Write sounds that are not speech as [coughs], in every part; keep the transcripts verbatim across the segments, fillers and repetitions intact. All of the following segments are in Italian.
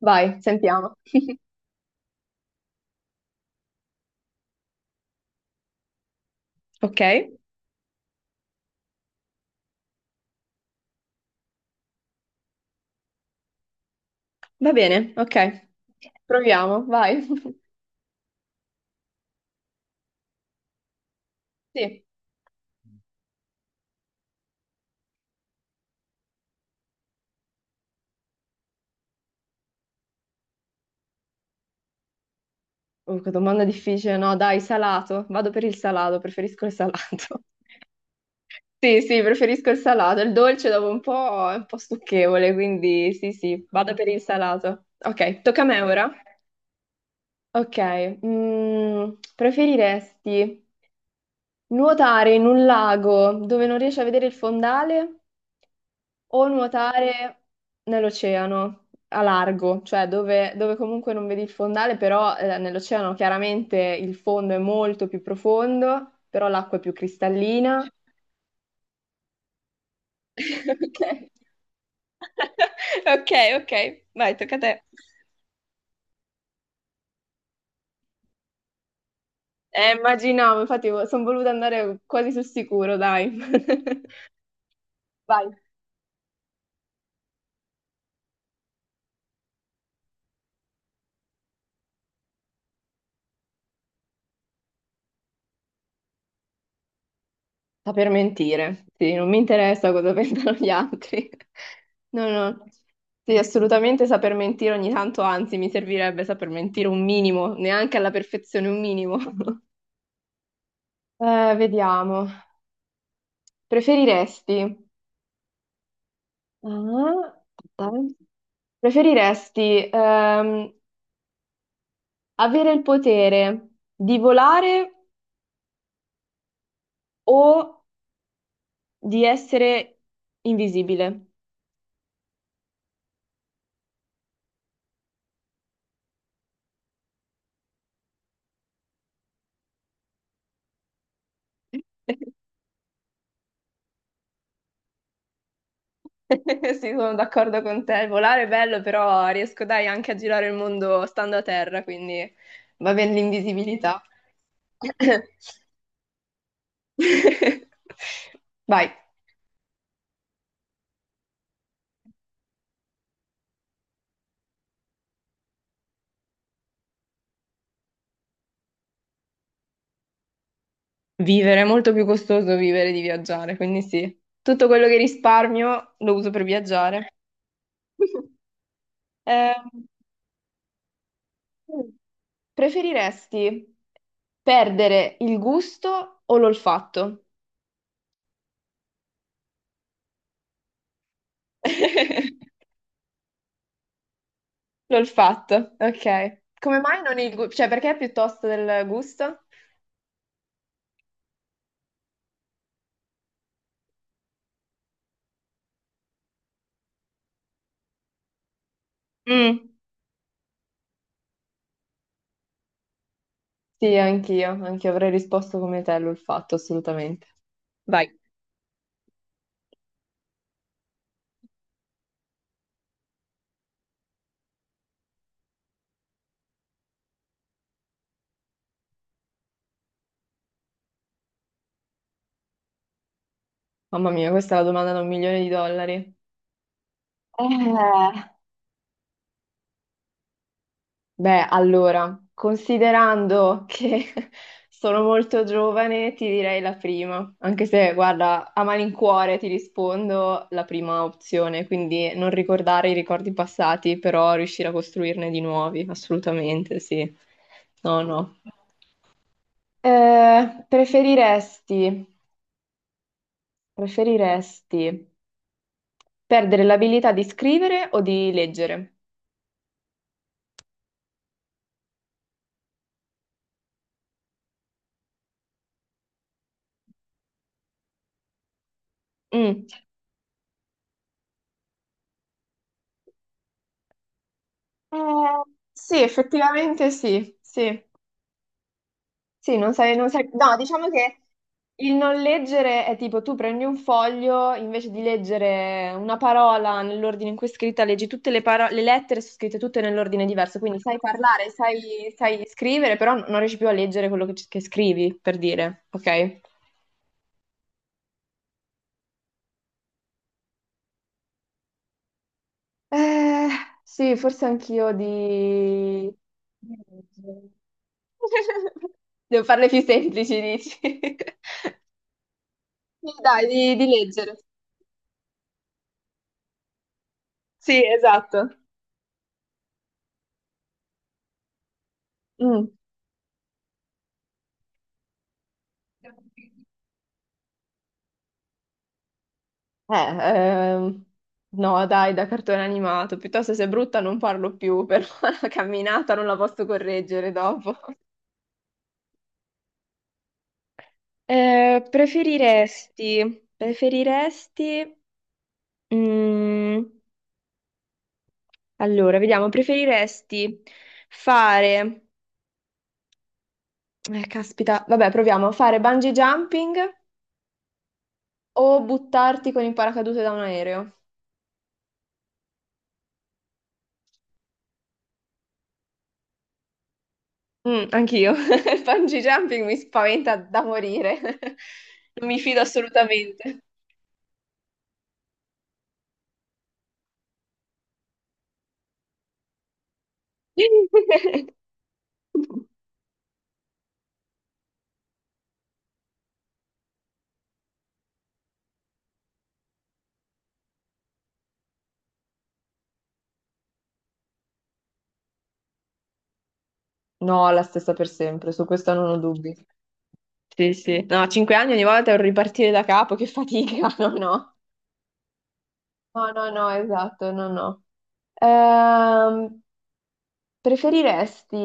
Vai, sentiamo. Ok, va bene, ok, proviamo, vai. [laughs] Sì. Uh, che domanda difficile, no? Dai, salato. Vado per il salato, preferisco il salato. [laughs] Sì, sì, preferisco il salato. Il dolce dopo un po' è un po' stucchevole, quindi sì, sì, vado per il salato. Ok, tocca a me ora. Ok, mm, preferiresti nuotare in un lago dove non riesci a vedere il fondale o nuotare nell'oceano a largo, cioè dove, dove comunque non vedi il fondale, però eh, nell'oceano chiaramente il fondo è molto più profondo, però l'acqua è più cristallina. [laughs] Ok. [laughs] Ok, ok, vai, tocca a te. Eh, immaginavo, infatti sono voluta andare quasi sul sicuro, dai. [laughs] Vai. Saper mentire, sì, non mi interessa cosa [laughs] pensano gli altri. No, no, sì, assolutamente saper mentire ogni tanto, anzi, mi servirebbe saper mentire un minimo, neanche alla perfezione un minimo. [laughs] Eh, vediamo. Preferiresti? Ah, aspetta, eh. Preferiresti ehm, avere il potere di volare o di essere invisibile? [laughs] [laughs] Sì, sono d'accordo con te. Volare è bello, però riesco dai anche a girare il mondo stando a terra, quindi va bene l'invisibilità. [coughs] [laughs] Vai. Vivere è molto più costoso vivere di viaggiare, quindi sì. Tutto quello che risparmio lo uso per viaggiare. [laughs] Eh, preferiresti perdere il gusto o l'olfatto? [laughs] L'ho fatto, ok. Come mai non il gusto? Cioè, perché piuttosto del gusto? Mm, sì, anch'io, anch'io avrei risposto come te, l'ho fatto, assolutamente. Vai. Mamma mia, questa è la domanda da un milione di dollari. Eh, Beh, allora, considerando che [laughs] sono molto giovane, ti direi la prima, anche se, guarda, a malincuore ti rispondo la prima opzione, quindi non ricordare i ricordi passati, però riuscire a costruirne di nuovi, assolutamente, sì. No, no. Eh, preferiresti, preferiresti perdere l'abilità di scrivere o di leggere? Mm. Eh, sì, effettivamente sì, sì. Sì, non sai, non sai... No, diciamo che il non leggere è tipo tu prendi un foglio, invece di leggere una parola nell'ordine in cui è scritta, leggi tutte le parole, le lettere sono scritte tutte nell'ordine diverso, quindi sai parlare, sai, sai scrivere, però non riesci più a leggere quello che, che scrivi, per dire, ok? Eh, sì, forse anch'io di... di leggere. [laughs] Devo farle più semplici, dici? [laughs] Sì, dai, di, di leggere. Sì, esatto. Mm. Eh, ehm, no, dai, da cartone animato. Piuttosto se è brutta non parlo più, però [laughs] la camminata non la posso correggere dopo. Eh, preferiresti, preferiresti, mm, allora, vediamo, preferiresti fare, eh, caspita, vabbè, proviamo. Fare bungee jumping o buttarti con il paracadute da un aereo? Mm, anch'io. [laughs] Il bungee jumping mi spaventa da morire. [laughs] Non mi fido assolutamente. [laughs] No, la stessa per sempre, su questo non ho dubbi. Sì, sì. No, cinque anni ogni volta è un ripartire da capo, che fatica, [laughs] no, no. No, no, no, esatto, no, no. Ehm, Preferiresti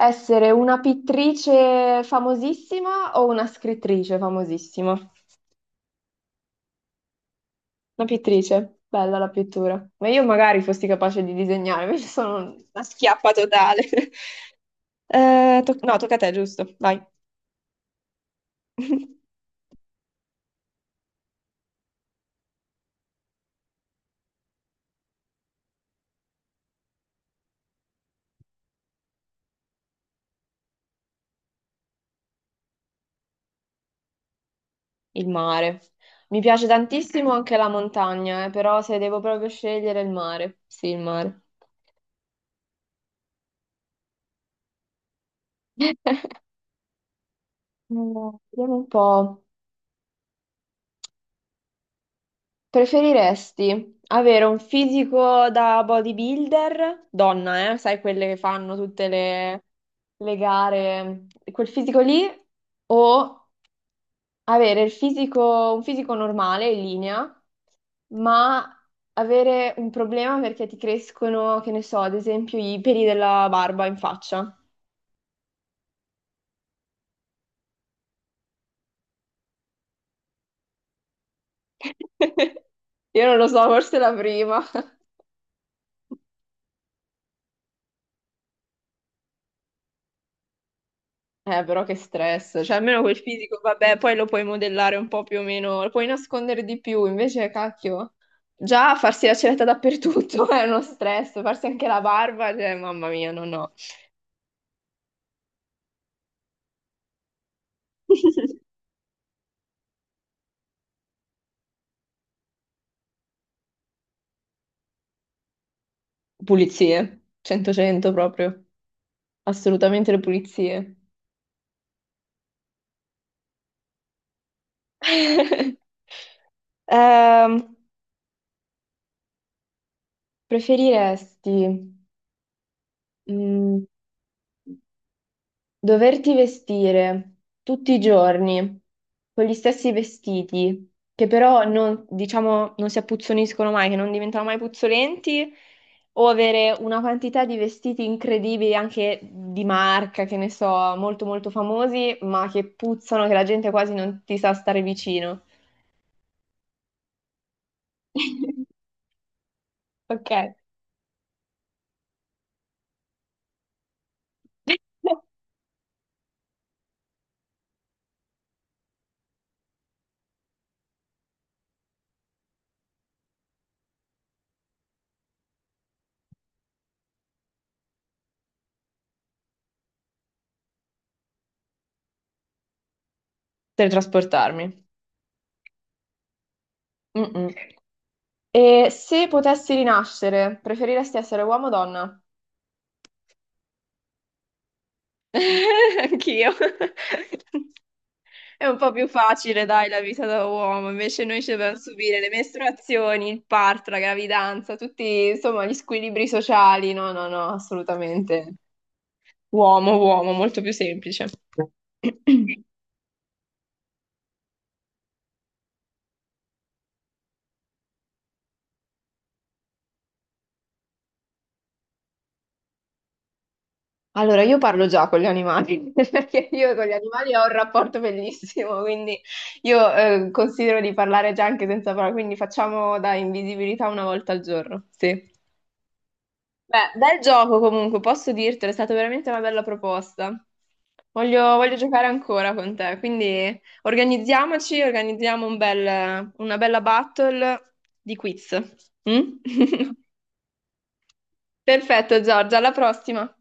essere una pittrice famosissima o una scrittrice famosissima? Una pittrice, bella la pittura. Ma io magari fossi capace di disegnare, [laughs] invece sono una schiappa totale. [laughs] Eh, to- no, tocca a te, giusto? Vai. [laughs] Il mare. Mi piace tantissimo anche la montagna, eh, però se devo proprio scegliere il mare, sì, il mare. [laughs] Eh, vediamo un po'. Preferiresti avere un fisico da bodybuilder, donna, eh, sai quelle che fanno tutte le, le gare, quel fisico lì, o avere il fisico, un fisico normale in linea, ma avere un problema perché ti crescono, che ne so, ad esempio i peli della barba in faccia. [laughs] Io non lo so, forse la prima. [laughs] Eh, però che stress. Cioè, almeno quel fisico, vabbè, poi lo puoi modellare un po' più o meno, lo puoi nascondere di più, invece, cacchio. Già farsi la ceretta dappertutto [laughs] è uno stress, farsi anche la barba, cioè, mamma mia, no, no. [laughs] Pulizie, cento cento proprio. Assolutamente le pulizie. [laughs] Ehm, Preferiresti mm, doverti vestire tutti i giorni con gli stessi vestiti, che però non, diciamo, non si appuzzoniscono mai, che non diventano mai puzzolenti, o avere una quantità di vestiti incredibili, anche di marca, che ne so, molto molto famosi, ma che puzzano, che la gente quasi non ti sa stare vicino. [laughs] Ok. [laughs] Teletrasportarmi. Mm-mm. E se potessi rinascere, preferiresti essere uomo o donna? [laughs] Anch'io. È un po' più facile, dai, la vita da uomo, invece noi ci dobbiamo subire le mestruazioni, il parto, la gravidanza, tutti, insomma, gli squilibri sociali. No, no, no, assolutamente. Uomo, uomo, molto più semplice. [clears throat] Allora, io parlo già con gli animali, [laughs] perché io con gli animali ho un rapporto bellissimo, quindi io eh, considero di parlare già anche senza parole, quindi facciamo da invisibilità una volta al giorno. Sì. Beh, bel gioco comunque, posso dirtelo, è stata veramente una bella proposta. Voglio, voglio giocare ancora con te, quindi organizziamoci, organizziamo un bel- una bella battle di quiz. Mm? [laughs] Perfetto, Giorgia, alla prossima.